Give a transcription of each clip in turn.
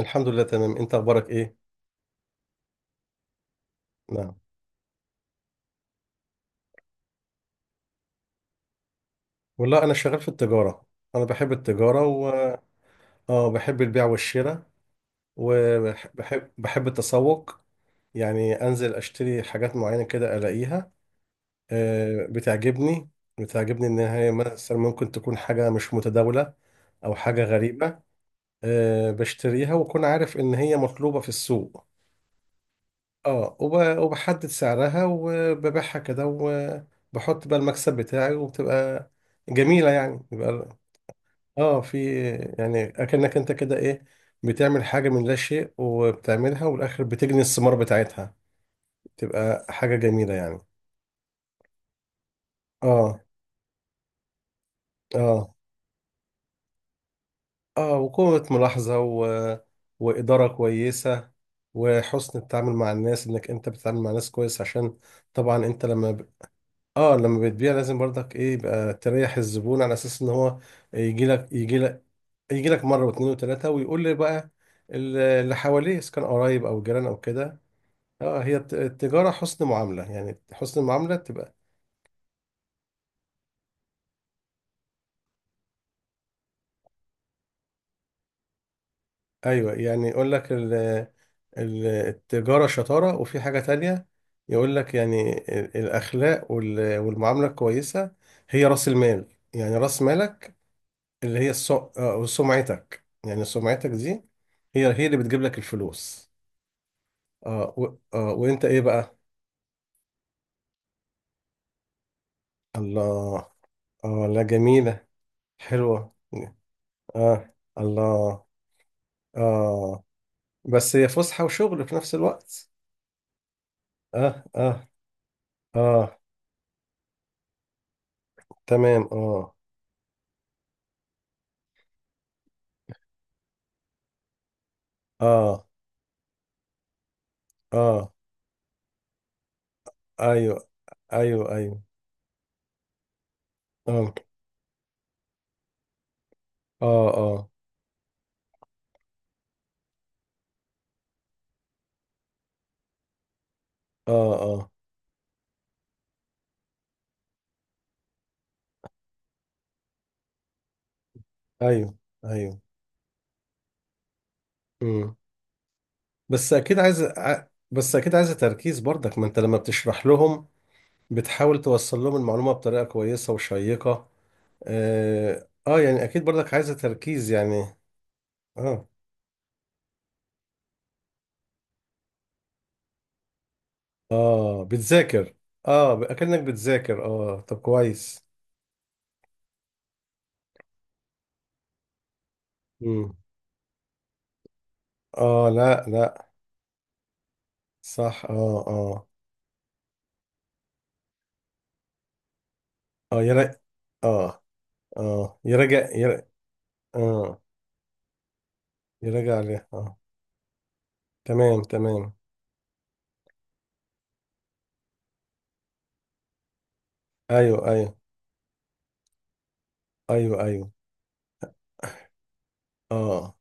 الحمد لله، تمام، انت اخبارك ايه؟ نعم. والله، انا شغال في التجاره. انا بحب التجاره، و اه، بحب البيع والشراء. وبحب بحب التسوق. يعني انزل اشتري حاجات معينه كده الاقيها. بتعجبني. بتعجبني ان هي مثلا ممكن تكون حاجه مش متداوله، او حاجه غريبه. بشتريها واكون عارف ان هي مطلوبه في السوق. اه، وبحدد سعرها وببيعها كده، وبحط بقى المكسب بتاعي وبتبقى جميلة، يعني يبقى اه، في. يعني اكنك انت كده ايه، بتعمل حاجة من لا شيء وبتعملها، والاخر بتجني الثمار بتاعتها. تبقى حاجة جميلة يعني. اه اه. اه، وقوة ملاحظة و، وإدارة كويسة. وحسن التعامل مع الناس، انك انت بتتعامل مع ناس كويس عشان طبعا انت لما، اه، لما بتبيع لازم برضك، ايه، يبقى تريح الزبون على اساس ان هو يجي لك يجي لك يجي لك مره واثنين وثلاثه، ويقول لي بقى اللي حواليه اذا كان قرايب او جيران او كده. اه، هي التجاره حسن معامله، يعني حسن المعامله تبقى. ايوه، يعني يقول لك التجاره شطاره، وفي حاجه تانية يقول لك يعني الاخلاق، والمعامله الكويسه هي راس المال، يعني راس مالك. اللي هي السو... آه، سمعتك، يعني سمعتك دي هي اللي بتجيب لك الفلوس. آه و... آه وانت ايه بقى؟ الله. آه، لا، جميلة. حلوة. آه، الله. آه. بس هي فسحة وشغل في نفس الوقت. آه، آه. آه. تمام، آه. آه. آه. أيوه. أيوه، أيوه. آه، آه. آه، آه. آه. أيوه. أيوه. مم. بس أكيد عايز تركيز برضك، ما أنت لما بتشرح لهم بتحاول توصل لهم المعلومة بطريقة كويسة وشيقة. اه، يعني اكيد برضك عايزة تركيز يعني. اه. اه، بتذاكر. اه، اكنك بتذاكر، اه، طب كويس. مم. اه، لا، لا. صح، اه، اه. اه، اه، اه، يراجع، اه، يراجع عليها، اه. تمام، تمام. ايوه، ايوه، ايوه، ايوه، اه.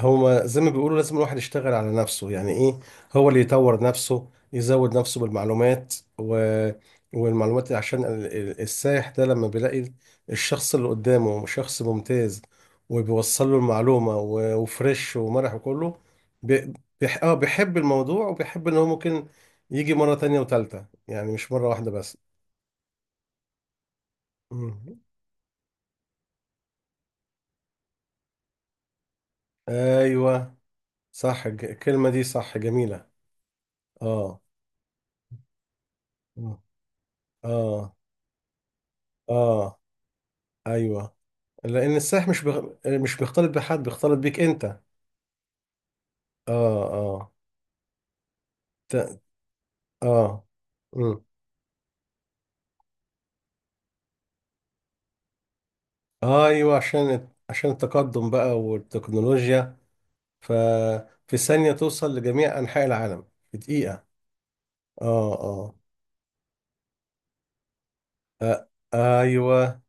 هو زي ما بيقولوا لازم الواحد يشتغل على نفسه، يعني ايه، هو اللي يطور نفسه، يزود نفسه بالمعلومات، و، والمعلومات عشان السائح ده لما بيلاقي الشخص اللي قدامه شخص ممتاز، وبيوصل له المعلومة و، وفريش ومرح وكله. بي... بيح... آه بيحب الموضوع وبيحب ان هو ممكن يجي مرة تانية وتالتة، يعني مش مرة واحدة بس. مم. ايوه، صح، الكلمة دي صح جميلة. اه، اه، اه، ايوه. لان السائح مش بيختلط بحد، بيختلط بيك انت، اه. اه، ت... اه، مم. ايوه، عشان التقدم بقى والتكنولوجيا، ففي ثانية توصل لجميع انحاء العالم، في دقيقة. اه، اه. آه، ايوه،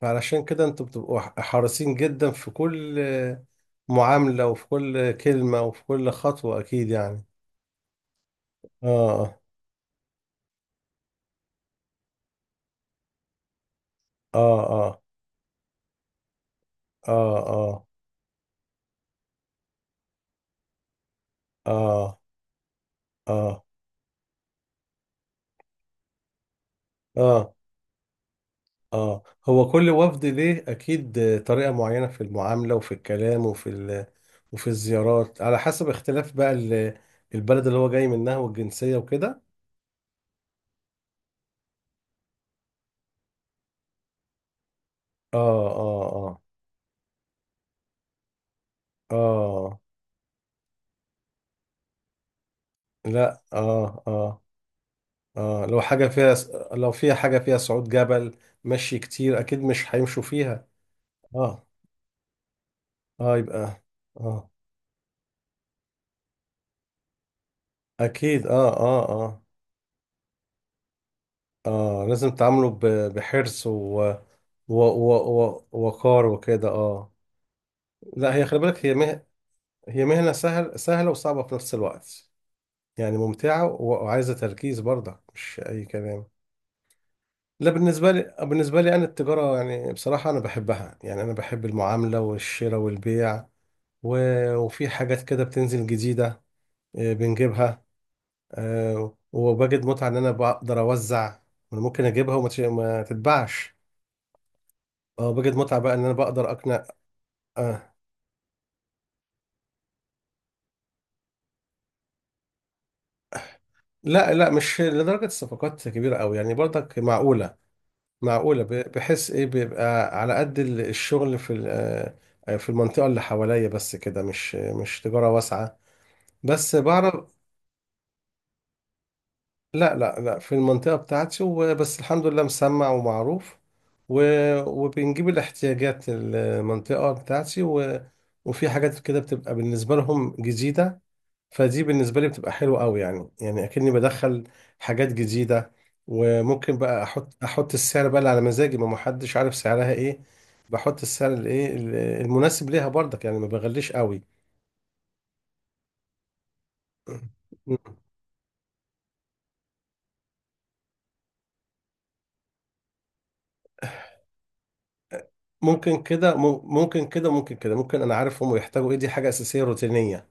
فعلشان كده انتوا بتبقوا حريصين جدا في كل معاملة، وفي كل كلمة، وفي كل خطوة، اكيد يعني. اه، اه، اه، اه، اه، اه، اه، اه، اه. هو كل وفد ليه اكيد طريقة معينة في المعاملة، وفي الكلام، وفي الزيارات، على حسب اختلاف بقى البلد اللي هو جاي منها والجنسية وكده. اه، اه، اه، اه، لا، اه، اه، اه، لو حاجة فيها، لو فيها حاجة فيها صعود جبل، مشي كتير، اكيد مش هيمشوا فيها. اه، اه يبقى، اه، اكيد، اه، اه، اه، اه، لازم تعاملوا بحرص، و و و و وقار وكده، اه. لا، هي خلي بالك، هي هي مهنة سهلة وصعبة في نفس الوقت. يعني ممتعة وعايزة تركيز برضه، مش أي كلام. لا، بالنسبة لي أنا التجارة، يعني بصراحة أنا بحبها، يعني أنا بحب المعاملة والشراء والبيع، و، وفي حاجات كده بتنزل جديدة، بنجيبها. وبجد متعة إن أنا بقدر أوزع. أنا ممكن أجيبها وما ما تتباعش. أه، بجد متعة بقى إن أنا بقدر أقنع. أه. لا، لا، مش لدرجة الصفقات كبيرة أوي يعني، برضك معقولة. معقولة، بحس ايه، بيبقى على قد الشغل في ال- آه، في المنطقة اللي حواليا بس كده، مش تجارة واسعة. بس بعرف. لا، لا، لا، في المنطقة بتاعتي وبس، الحمد لله، مسمع ومعروف، وبنجيب الاحتياجات المنطقة بتاعتي، و، وفي حاجات كده بتبقى بالنسبة لهم جديدة. فدي بالنسبة لي بتبقى حلوة قوي، يعني أكني بدخل حاجات جديدة، وممكن بقى أحط السعر بقى اللي على مزاجي، ما محدش عارف سعرها إيه. بحط السعر الإيه المناسب ليها برضك يعني، ما بغليش قوي. ممكن كده ممكن أنا عارف هم بيحتاجوا إيه، دي حاجة أساسية روتينية.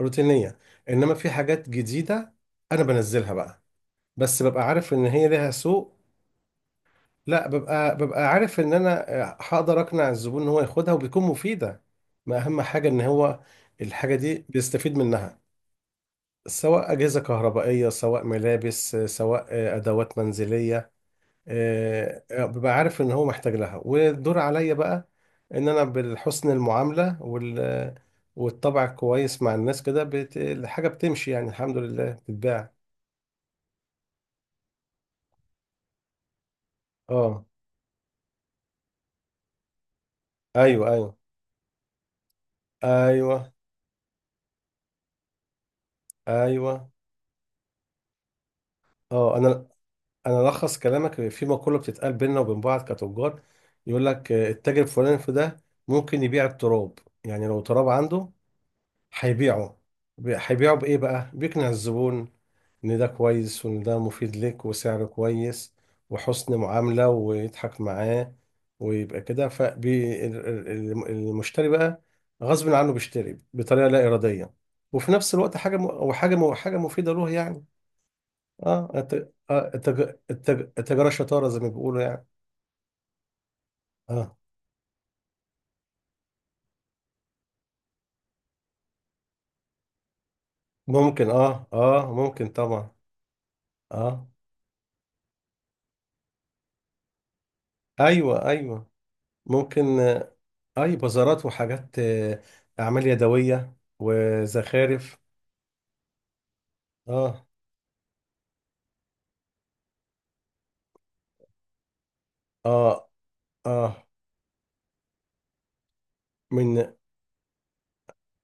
روتينية، إنما في حاجات جديدة أنا بنزلها بقى، بس ببقى عارف إن هي ليها سوق. لا، ببقى عارف ان انا هقدر اقنع الزبون ان هو ياخدها وبيكون مفيده، ما اهم حاجه ان هو الحاجه دي بيستفيد منها، سواء اجهزه كهربائيه، سواء ملابس، سواء ادوات منزليه. ببقى عارف ان هو محتاج لها، والدور عليا بقى ان انا بالحسن المعامله، والطبع كويس مع الناس كده، الحاجه بتمشي يعني، الحمد لله بتتباع. اه. ايوه، ايوه، ايوه، ايوه. اه، انا الخص كلامك في مقوله بتتقال بيننا وبين بعض كتجار، يقول لك التاجر الفلاني في ده ممكن يبيع التراب، يعني لو تراب عنده هيبيعه، هيبيعه بايه بقى، بيقنع الزبون ان ده كويس، وان ده مفيد لك، وسعره كويس، وحسن معامله ويضحك معاه، ويبقى كده، فالمشتري بقى غصب عنه بيشتري بطريقه لا اراديه، وفي نفس الوقت حاجه م- او حاجه م- حاجه مفيده له يعني. اه، التجارة شطارة زي ما بيقولوا يعني. اه، ممكن، اه، اه، ممكن طبعا. اه، ايوه، ايوه، ممكن. اي بازارات وحاجات، اعمال يدوية وزخارف. اه، اه، اه، من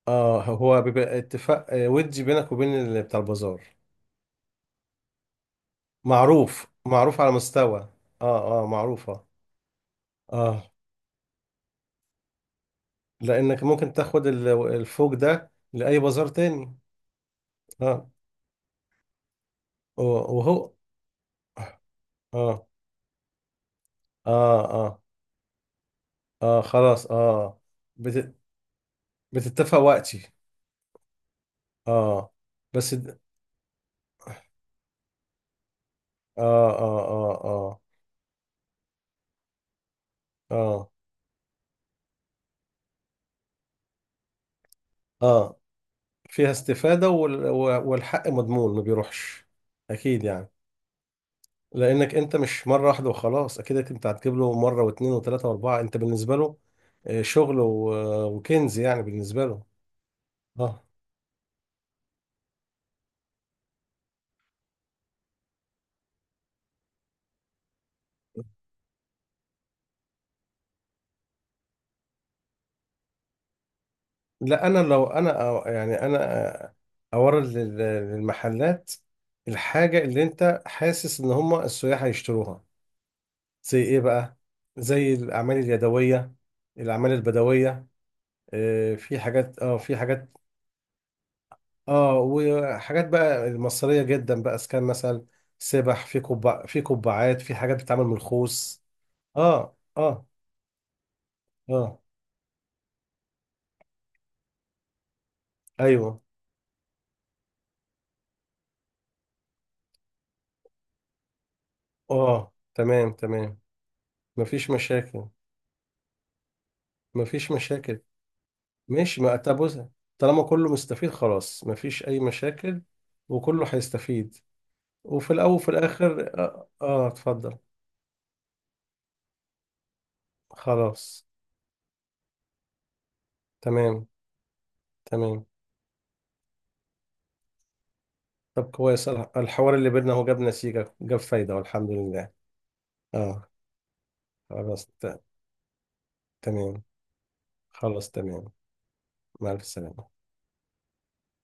اه، هو بيبقى اتفاق، ودي بينك وبين اللي بتاع البازار. معروف، معروف، على مستوى، اه، اه، معروفة، اه. اه، لانك ممكن تاخد الفوق ده لأي بازار تاني. اه، وهو، اه، اه، اه، اه، خلاص، اه، بت... بتتفق وقتي. اه. بس د- اه، اه، اه، اه، اه، اه، فيها استفادة، والحق مضمون ما بيروحش. اكيد يعني، لانك انت مش مرة واحدة وخلاص، اكيد انت هتجيب له مرة واثنين وثلاثة واربعة، انت بالنسبة له شغل، و، وكنز يعني بالنسبة له. اه، لا، انا لو انا يعني انا اورد للمحلات الحاجه اللي انت حاسس ان هم السياح هيشتروها، زي ايه بقى؟ زي الاعمال اليدويه، الاعمال البدويه، في حاجات، اه، في حاجات، اه، وحاجات بقى المصريه جدا بقى، اسكان مثلا، سبح في كوبا، في قبعات، في حاجات بتتعمل من الخوص. اه، اه، اه، ايوه، اه، تمام، تمام. مفيش مشاكل. مفيش مشاكل. ماشي، ما طب بص، طالما كله مستفيد خلاص مفيش أي مشاكل، وكله هيستفيد، وفي الأول وفي الآخر، اتفضل. خلاص، تمام، تمام. طب كويس، الحوار اللي بينا هو جاب نتيجة، جاب فايدة، والحمد لله. آه. خلاص، تمام. خلاص، تمام. مع السلامة.